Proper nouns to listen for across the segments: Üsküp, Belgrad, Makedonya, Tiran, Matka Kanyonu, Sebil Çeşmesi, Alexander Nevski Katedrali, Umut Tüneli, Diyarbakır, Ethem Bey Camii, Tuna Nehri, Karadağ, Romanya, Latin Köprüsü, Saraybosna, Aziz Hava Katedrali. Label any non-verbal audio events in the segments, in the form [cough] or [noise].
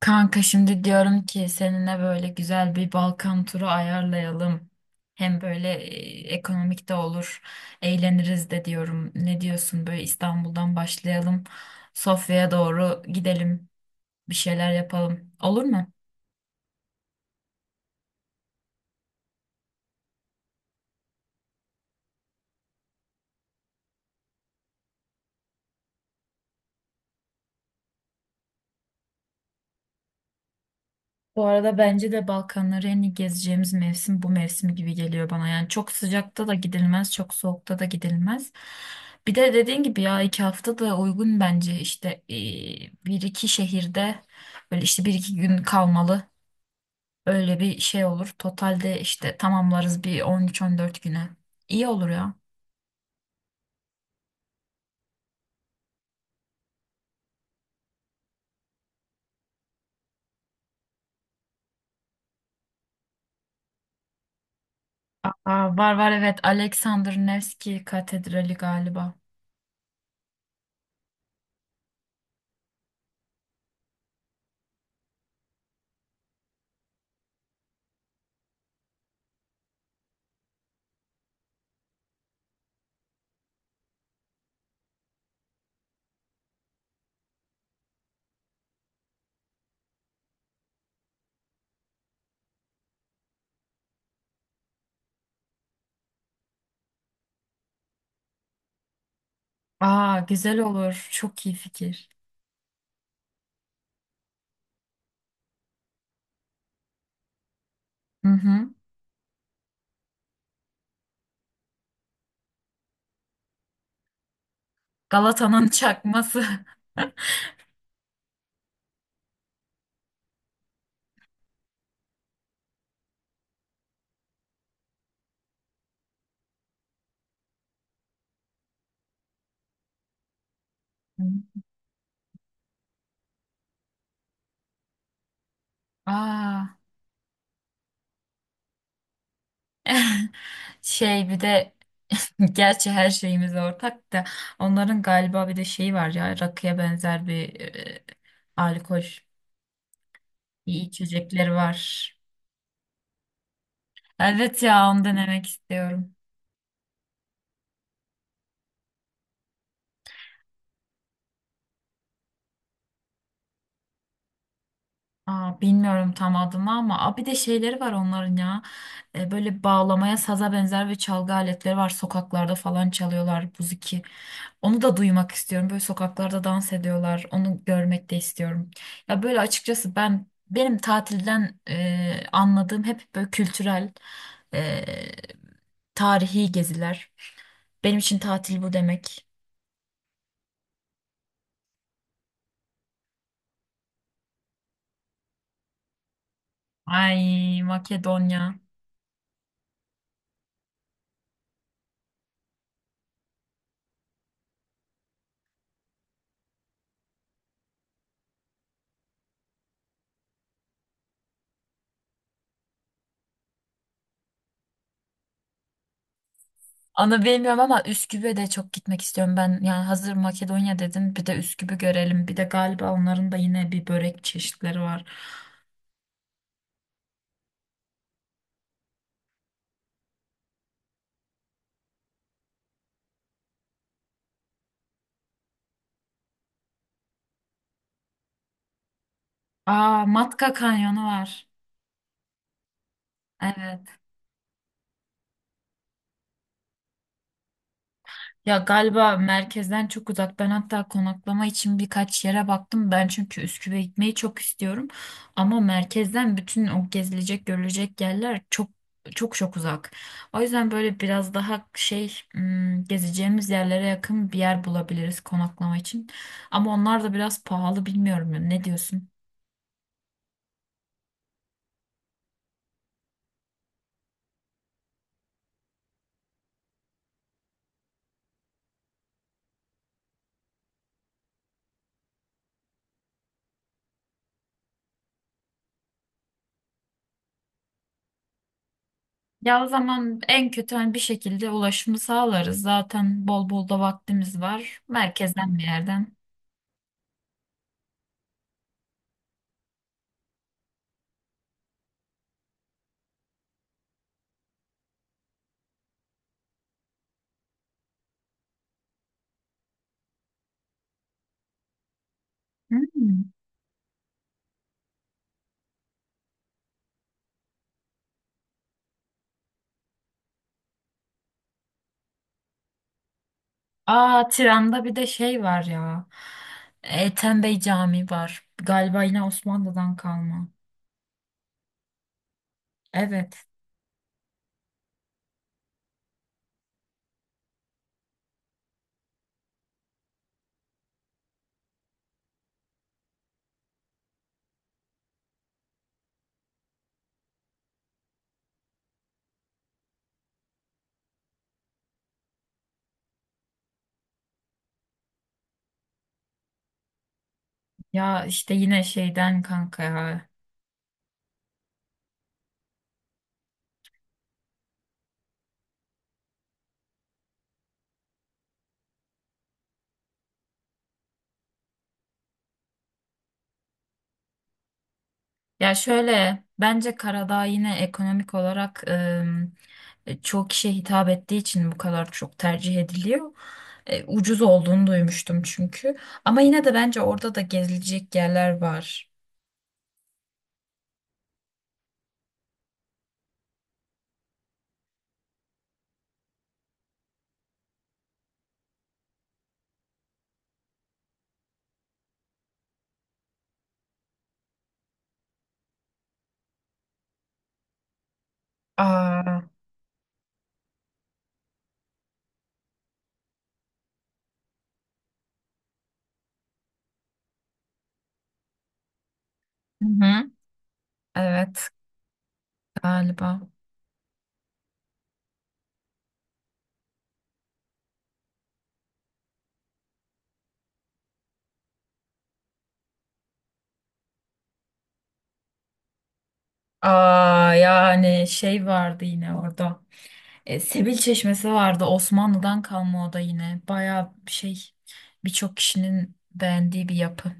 Kanka şimdi diyorum ki seninle böyle güzel bir Balkan turu ayarlayalım. Hem böyle ekonomik de olur, eğleniriz de diyorum. Ne diyorsun? Böyle İstanbul'dan başlayalım, Sofya'ya doğru gidelim, bir şeyler yapalım. Olur mu? Bu arada bence de Balkanları en iyi gezeceğimiz mevsim bu mevsim gibi geliyor bana. Yani çok sıcakta da gidilmez, çok soğukta da gidilmez. Bir de dediğin gibi ya iki hafta da uygun bence işte bir iki şehirde böyle işte bir iki gün kalmalı. Öyle bir şey olur. Totalde işte tamamlarız bir 13-14 güne. İyi olur ya. Aa, var evet, Alexander Nevski Katedrali galiba. Aa, güzel olur. Çok iyi fikir. Hı hı. Galata'nın çakması. [laughs] Hı. Aa. [laughs] Şey, bir de [laughs] gerçi her şeyimiz ortak da onların galiba bir de şeyi var ya, rakıya benzer bir alkol bir içecekleri var. Evet ya, onu denemek istiyorum. Aa, bilmiyorum tam adını ama aa, bir de şeyleri var onların ya. E, böyle bağlamaya, saza benzer ve çalgı aletleri var, sokaklarda falan çalıyorlar, buziki, onu da duymak istiyorum. Böyle sokaklarda dans ediyorlar, onu görmek de istiyorum ya. Böyle açıkçası ben, benim tatilden anladığım hep böyle kültürel, e, tarihi geziler. Benim için tatil bu demek. Ay, Makedonya. Onu bilmiyorum ama Üsküp'e de çok gitmek istiyorum ben. Yani hazır Makedonya dedin, bir de Üsküp'ü görelim. Bir de galiba onların da yine bir börek çeşitleri var. Aa, Matka Kanyonu var. Evet. Ya galiba merkezden çok uzak. Ben hatta konaklama için birkaç yere baktım. Ben çünkü Üsküp'e gitmeyi çok istiyorum. Ama merkezden bütün o gezilecek, görülecek yerler çok çok uzak. O yüzden böyle biraz daha şey, gezeceğimiz yerlere yakın bir yer bulabiliriz konaklama için. Ama onlar da biraz pahalı, bilmiyorum ya. Ne diyorsun? Ya o zaman en kötü hani bir şekilde ulaşımı sağlarız. Zaten bol bol da vaktimiz var. Merkezden bir yerden. Hmm. Aa, Tiran'da bir de şey var ya. Ethem Bey Camii var. Galiba yine Osmanlı'dan kalma. Evet. Ya işte yine şeyden kanka ya. Ya şöyle, bence Karadağ yine ekonomik olarak çoğu kişiye hitap ettiği için bu kadar çok tercih ediliyor. E, ucuz olduğunu duymuştum çünkü. Ama yine de bence orada da gezilecek yerler var. Aa. Hı hı. Evet galiba. Aa, yani şey vardı yine orada. E, Sebil Çeşmesi vardı. Osmanlı'dan kalma o da yine. Bayağı şey, birçok kişinin beğendiği bir yapı.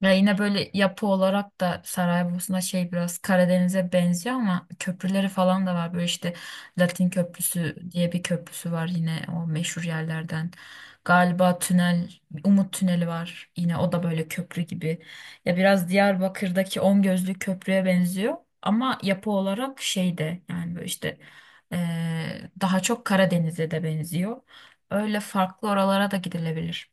Ya yine böyle yapı olarak da Saraybosna şey, biraz Karadeniz'e benziyor ama köprüleri falan da var. Böyle işte Latin Köprüsü diye bir köprüsü var, yine o meşhur yerlerden. Galiba tünel, Umut Tüneli var. Yine o da böyle köprü gibi. Ya biraz Diyarbakır'daki On Gözlü Köprü'ye benziyor. Ama yapı olarak şeyde, yani böyle işte daha çok Karadeniz'e de benziyor. Öyle, farklı oralara da gidilebilir.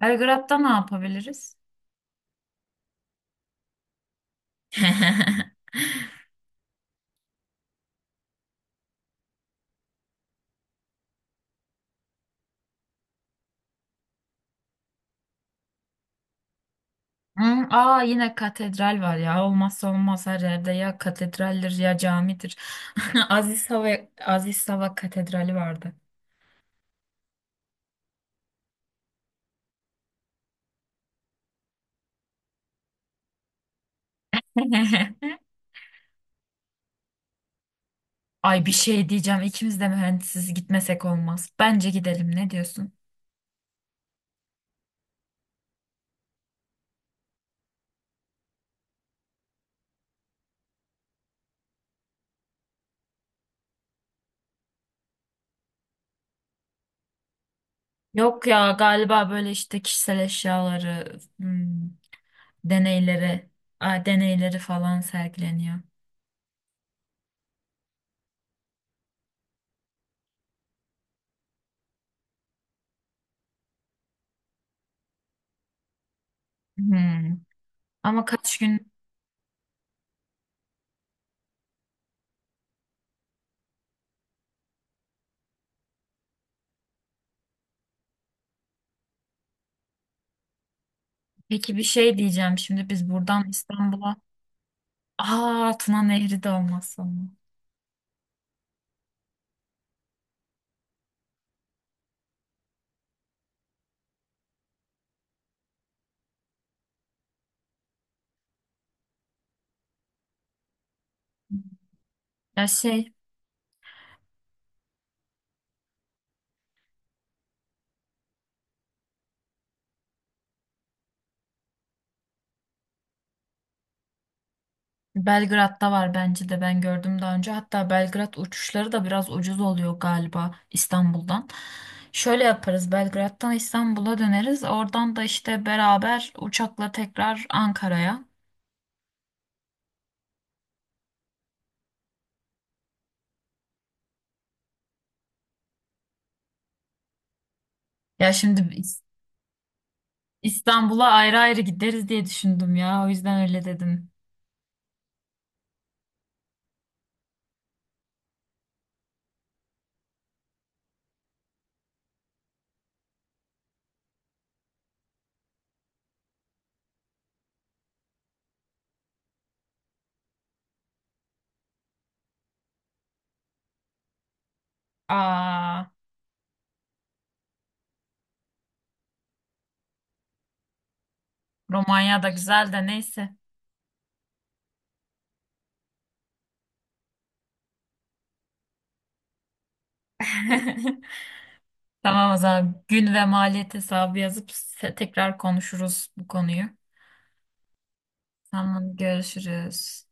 Belgrad'da ne yapabiliriz? [laughs] Hı, aa, yine katedral var ya. Olmazsa olmaz, her yerde ya katedraldir ya camidir. [laughs] Aziz Hava Katedrali vardı. [laughs] Ay, bir şey diyeceğim. İkimiz de mühendisiz, gitmesek olmaz. Bence gidelim. Ne diyorsun? Yok ya, galiba böyle işte kişisel eşyaları, deneyleri, deneyleri falan sergileniyor. Hmm. Ama kaç gün? Peki, bir şey diyeceğim. Şimdi biz buradan İstanbul'a. Aa, Tuna Nehri de olmazsa olmaz. Ya şey, Belgrad'da var bence de, ben gördüm daha önce. Hatta Belgrad uçuşları da biraz ucuz oluyor galiba İstanbul'dan. Şöyle yaparız, Belgrad'dan İstanbul'a döneriz. Oradan da işte beraber uçakla tekrar Ankara'ya. Ya şimdi İstanbul'a ayrı ayrı gideriz diye düşündüm ya. O yüzden öyle dedim. Aa, Romanya da güzel de, neyse. [laughs] Tamam, o zaman gün ve maliyet hesabı yazıp tekrar konuşuruz bu konuyu. Tamam, görüşürüz.